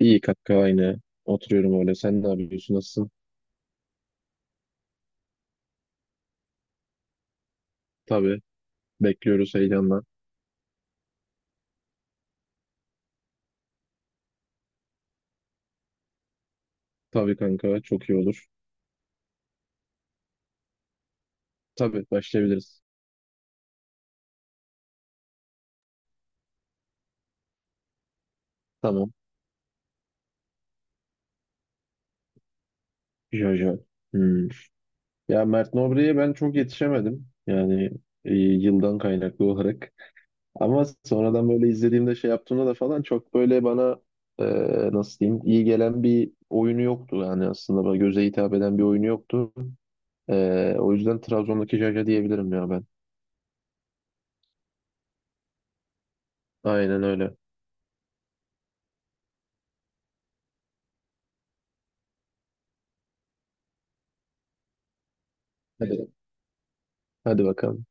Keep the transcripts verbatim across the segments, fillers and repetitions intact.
İyi kanka aynı. Oturuyorum öyle. Sen ne yapıyorsun? Nasılsın? Tabii. Bekliyoruz heyecanla. Tabii kanka çok iyi olur. Tabii başlayabiliriz. Tamam. Jojo. Hmm. Ya Mert Nobre'ye ben çok yetişemedim. Yani e, yıldan kaynaklı olarak. Ama sonradan böyle izlediğimde şey yaptığımda da falan çok böyle bana e, nasıl diyeyim iyi gelen bir oyunu yoktu. Yani aslında bana göze hitap eden bir oyunu yoktu. E, o yüzden Trabzon'daki Jaja diyebilirim ya ben. Aynen öyle. Hadi, hadi bakalım.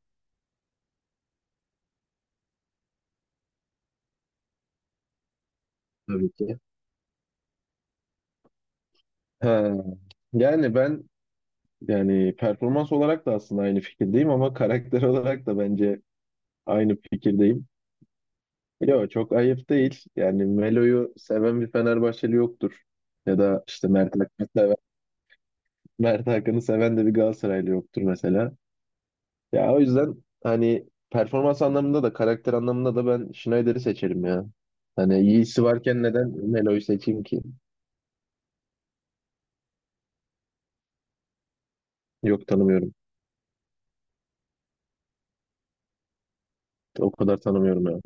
Tabii ki. Ha, yani ben yani performans olarak da aslında aynı fikirdeyim ama karakter olarak da bence aynı fikirdeyim. Yo, çok ayıp değil. Yani Melo'yu seven bir Fenerbahçeli yoktur. Ya da işte Mert Hakan'ı seven, Mert Hakan'ı seven de bir Galatasaraylı yoktur mesela. Ya o yüzden hani performans anlamında da karakter anlamında da ben Schneider'i seçerim ya. Hani iyisi varken neden Melo'yu seçeyim ki? Yok, tanımıyorum. O kadar tanımıyorum ya.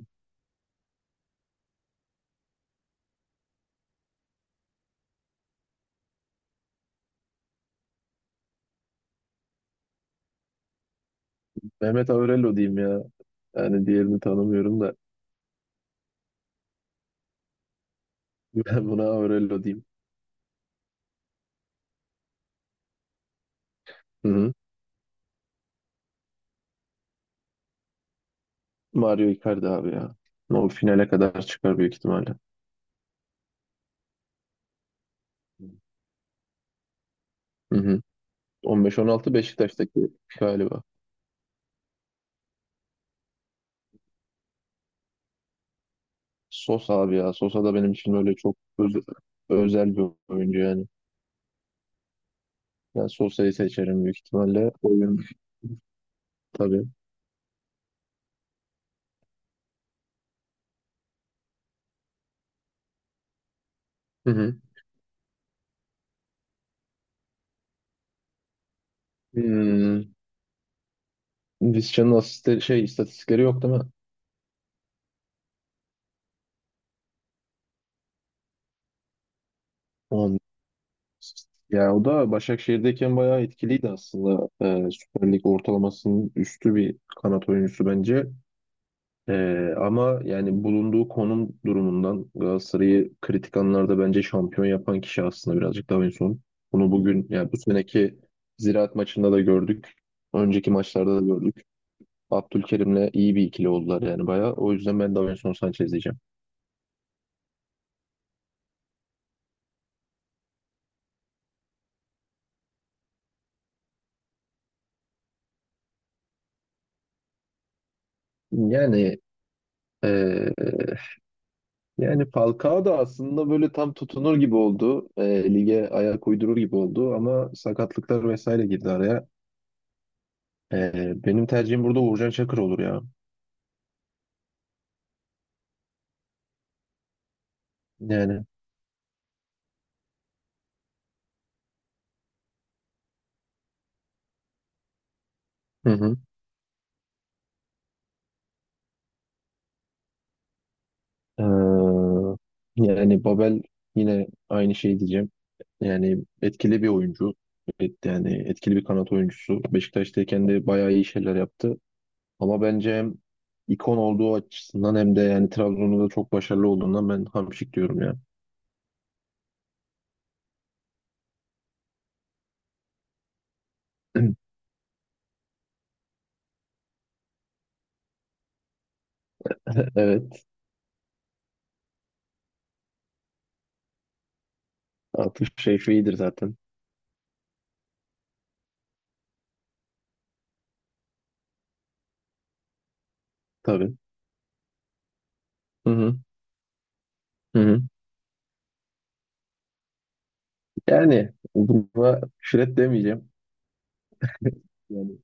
Mehmet Aurelio diyeyim ya. Yani diğerini tanımıyorum da ben buna Aurelio diyeyim. Hı hı. Mario Icardi abi ya. O finale kadar çıkar büyük ihtimalle. Hı hı. on beş on altı Beşiktaş'taki galiba. Sosa abi ya. Sosa da benim için öyle çok öz- özel bir oyuncu yani. Ben Sosa'yı seçerim büyük ihtimalle. Oyun tabii. Hı hı. Hmm. Vizcan'ın asist şey istatistikleri yok değil mi? Ya o da Başakşehir'deyken bayağı etkiliydi aslında. Ee, Süper Lig ortalamasının üstü bir kanat oyuncusu bence. Ee, ama yani bulunduğu konum durumundan Galatasaray'ı kritik anlarda bence şampiyon yapan kişi aslında birazcık daha en son. Bunu bugün yani bu seneki Ziraat maçında da gördük. Önceki maçlarda da gördük. Abdülkerim'le iyi bir ikili oldular yani bayağı. O yüzden ben Davinson Sanchez diyeceğim. Yani ee, yani Falcao da aslında böyle tam tutunur gibi oldu. E, lige ayak uydurur gibi oldu ama sakatlıklar vesaire girdi araya. E, benim tercihim burada Uğurcan Çakır olur ya. Yani. Hı hı. Ee, yani Babel yine aynı şey diyeceğim. Yani etkili bir oyuncu. Evet, yani etkili bir kanat oyuncusu. Beşiktaş'tayken de bayağı iyi şeyler yaptı. Ama bence hem ikon olduğu açısından hem de yani Trabzon'da da çok başarılı olduğundan ben hamşik diyorum ya. Evet. Altın Şerifi iyidir zaten. Tabii. Hı hı. Hı hı. Yani buna şüret demeyeceğim. Yani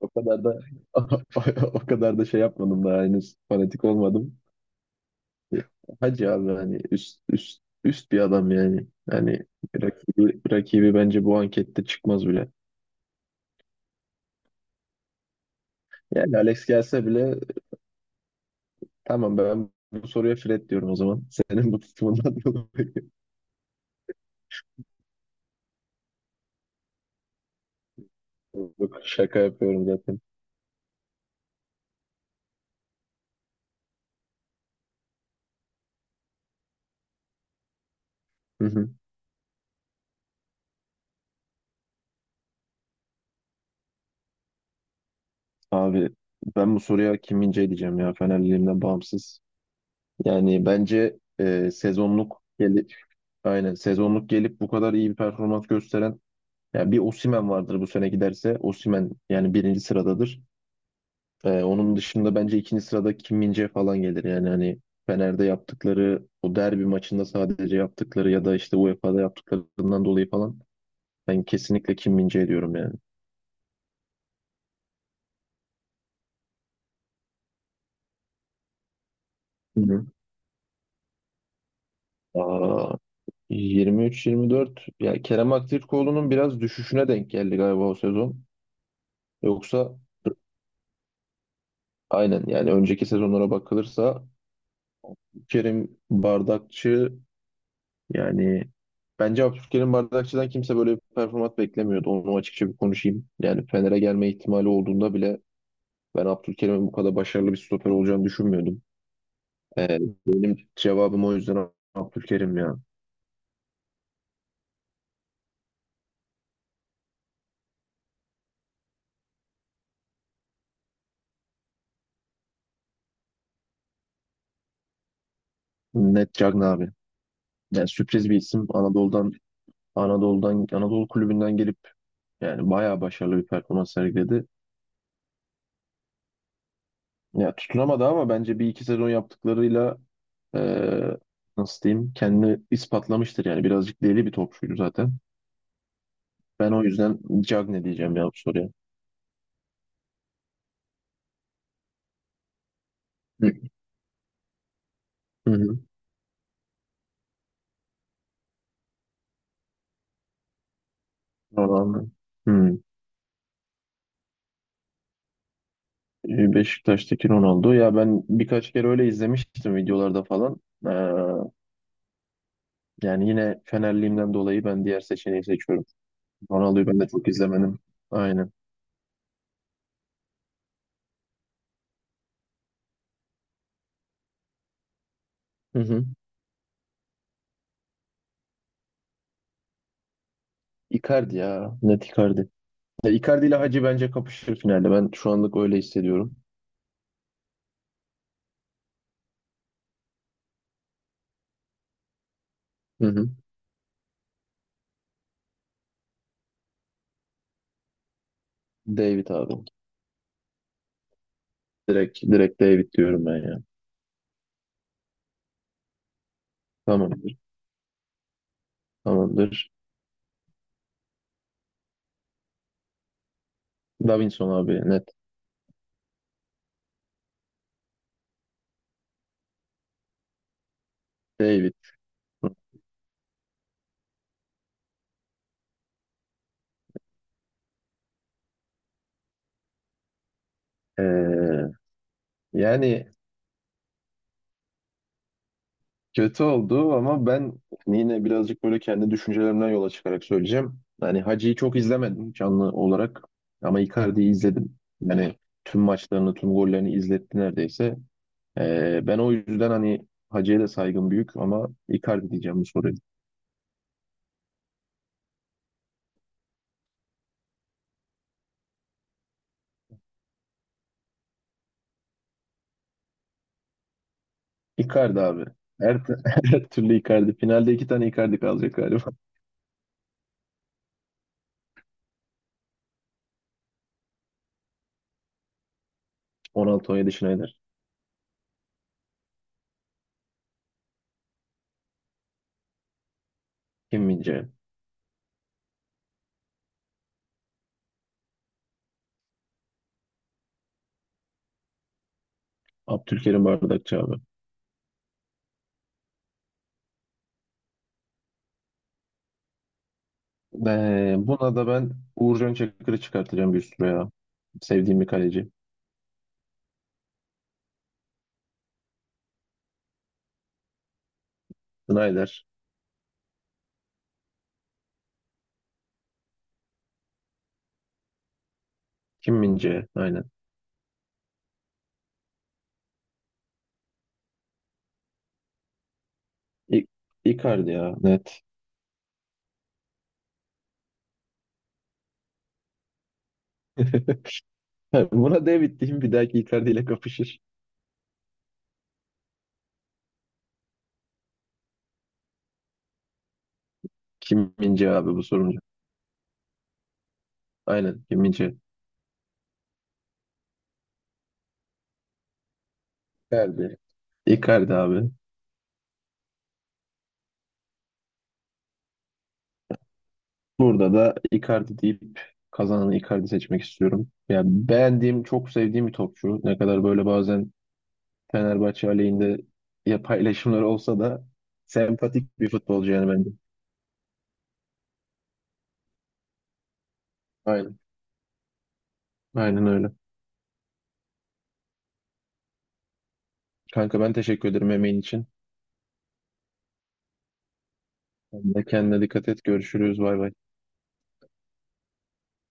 o kadar da o kadar da şey yapmadım daha henüz fanatik olmadım. Hacı abi hani üst üst üst bir adam yani. Yani rakibi, rakibi bence bu ankette çıkmaz bile. Yani Alex gelse bile tamam, ben bu soruya Fred diyorum o zaman. Senin bu tutumundan dolayı. Yok, şaka yapıyorum zaten. Abi ben bu soruya kim Min-jae diyeceğim ya, Fenerliliğimden bağımsız. Yani bence e, sezonluk gelip aynen sezonluk gelip bu kadar iyi bir performans gösteren yani bir Osimhen vardır, bu sene giderse Osimhen yani birinci sıradadır. E, onun dışında bence ikinci sırada Kim min falan gelir. Yani hani Fener'de yaptıkları o derbi maçında sadece yaptıkları ya da işte UEFA'da yaptıklarından dolayı falan ben kesinlikle Kim min diyorum yani. Hı hı. Aa, yirmi üç yirmi dört ya Kerem Aktürkoğlu'nun biraz düşüşüne denk geldi galiba o sezon. Yoksa aynen yani önceki sezonlara bakılırsa Kerim Bardakçı, yani bence Abdülkerim Bardakçı'dan kimse böyle bir performans beklemiyordu. Onu açıkça bir konuşayım. Yani Fener'e gelme ihtimali olduğunda bile ben Abdülkerim'in bu kadar başarılı bir stoper olacağını düşünmüyordum. Ee, Benim cevabım o yüzden Abdülkerim ya. Net Cagna abi. Yani sürpriz bir isim. Anadolu'dan Anadolu'dan Anadolu kulübünden gelip yani bayağı başarılı bir performans sergiledi. Ya tutunamadı ama bence bir iki sezon yaptıklarıyla eee, nasıl diyeyim kendini ispatlamıştır yani. Birazcık deli bir topçuydu zaten. Ben o yüzden Cagne diyeceğim ya bu soruya. Hı hı. Ronaldo. Hı. E, Beşiktaş'taki Ronaldo. Ya ben birkaç kere öyle izlemiştim videolarda falan. Eee, Yani yine Fenerliğimden dolayı ben diğer seçeneği seçiyorum. Ronaldo'yu ben de çok izlemedim. Aynen. Hı hı. Icardi ya. Net Icardi. Ya Icardi ile Hacı bence kapışır finalde. Ben şu anlık öyle hissediyorum. Hı hı. David abi. Direkt, direkt David diyorum ben ya. Tamamdır. Tamamdır. Davinson abi net. David. Ee, Yani kötü oldu ama ben yine birazcık böyle kendi düşüncelerimden yola çıkarak söyleyeceğim. Yani Hacı'yı çok izlemedim canlı olarak ama Icardi'yi izledim. Yani tüm maçlarını, tüm gollerini izletti neredeyse. Ee, ben o yüzden hani Hacı'ya da saygım büyük ama Icardi diyeceğim bu soruya. Icardi abi. Her, t- Her türlü Icardi. Finalde iki tane Icardi kalacak galiba. Ronaldo, on 17 Schneider. Kim Min-jae. Abdülkerim Bardakçı abi. Ee, buna da ben Uğurcan Çakır'ı çıkartacağım bir üstüne ya. Sevdiğim bir kaleci. Schneider. Kim Min-jae. Aynen. İ Icardi ya. Net. Buna David diyeyim. Bir dahaki Icardi ile kapışır. Kim Min-jae abi bu sorumlu. Aynen. Kim Min-jae. Icardi. Icardi abi. Burada da Icardi deyip kazananı Icardi seçmek istiyorum. Yani beğendiğim, çok sevdiğim bir topçu. Ne kadar böyle bazen Fenerbahçe aleyhinde ya paylaşımları olsa da sempatik bir futbolcu yani bence. Aynen. Aynen öyle. Kanka ben teşekkür ederim emeğin için. Sen de kendine dikkat et. Görüşürüz. Bay bay.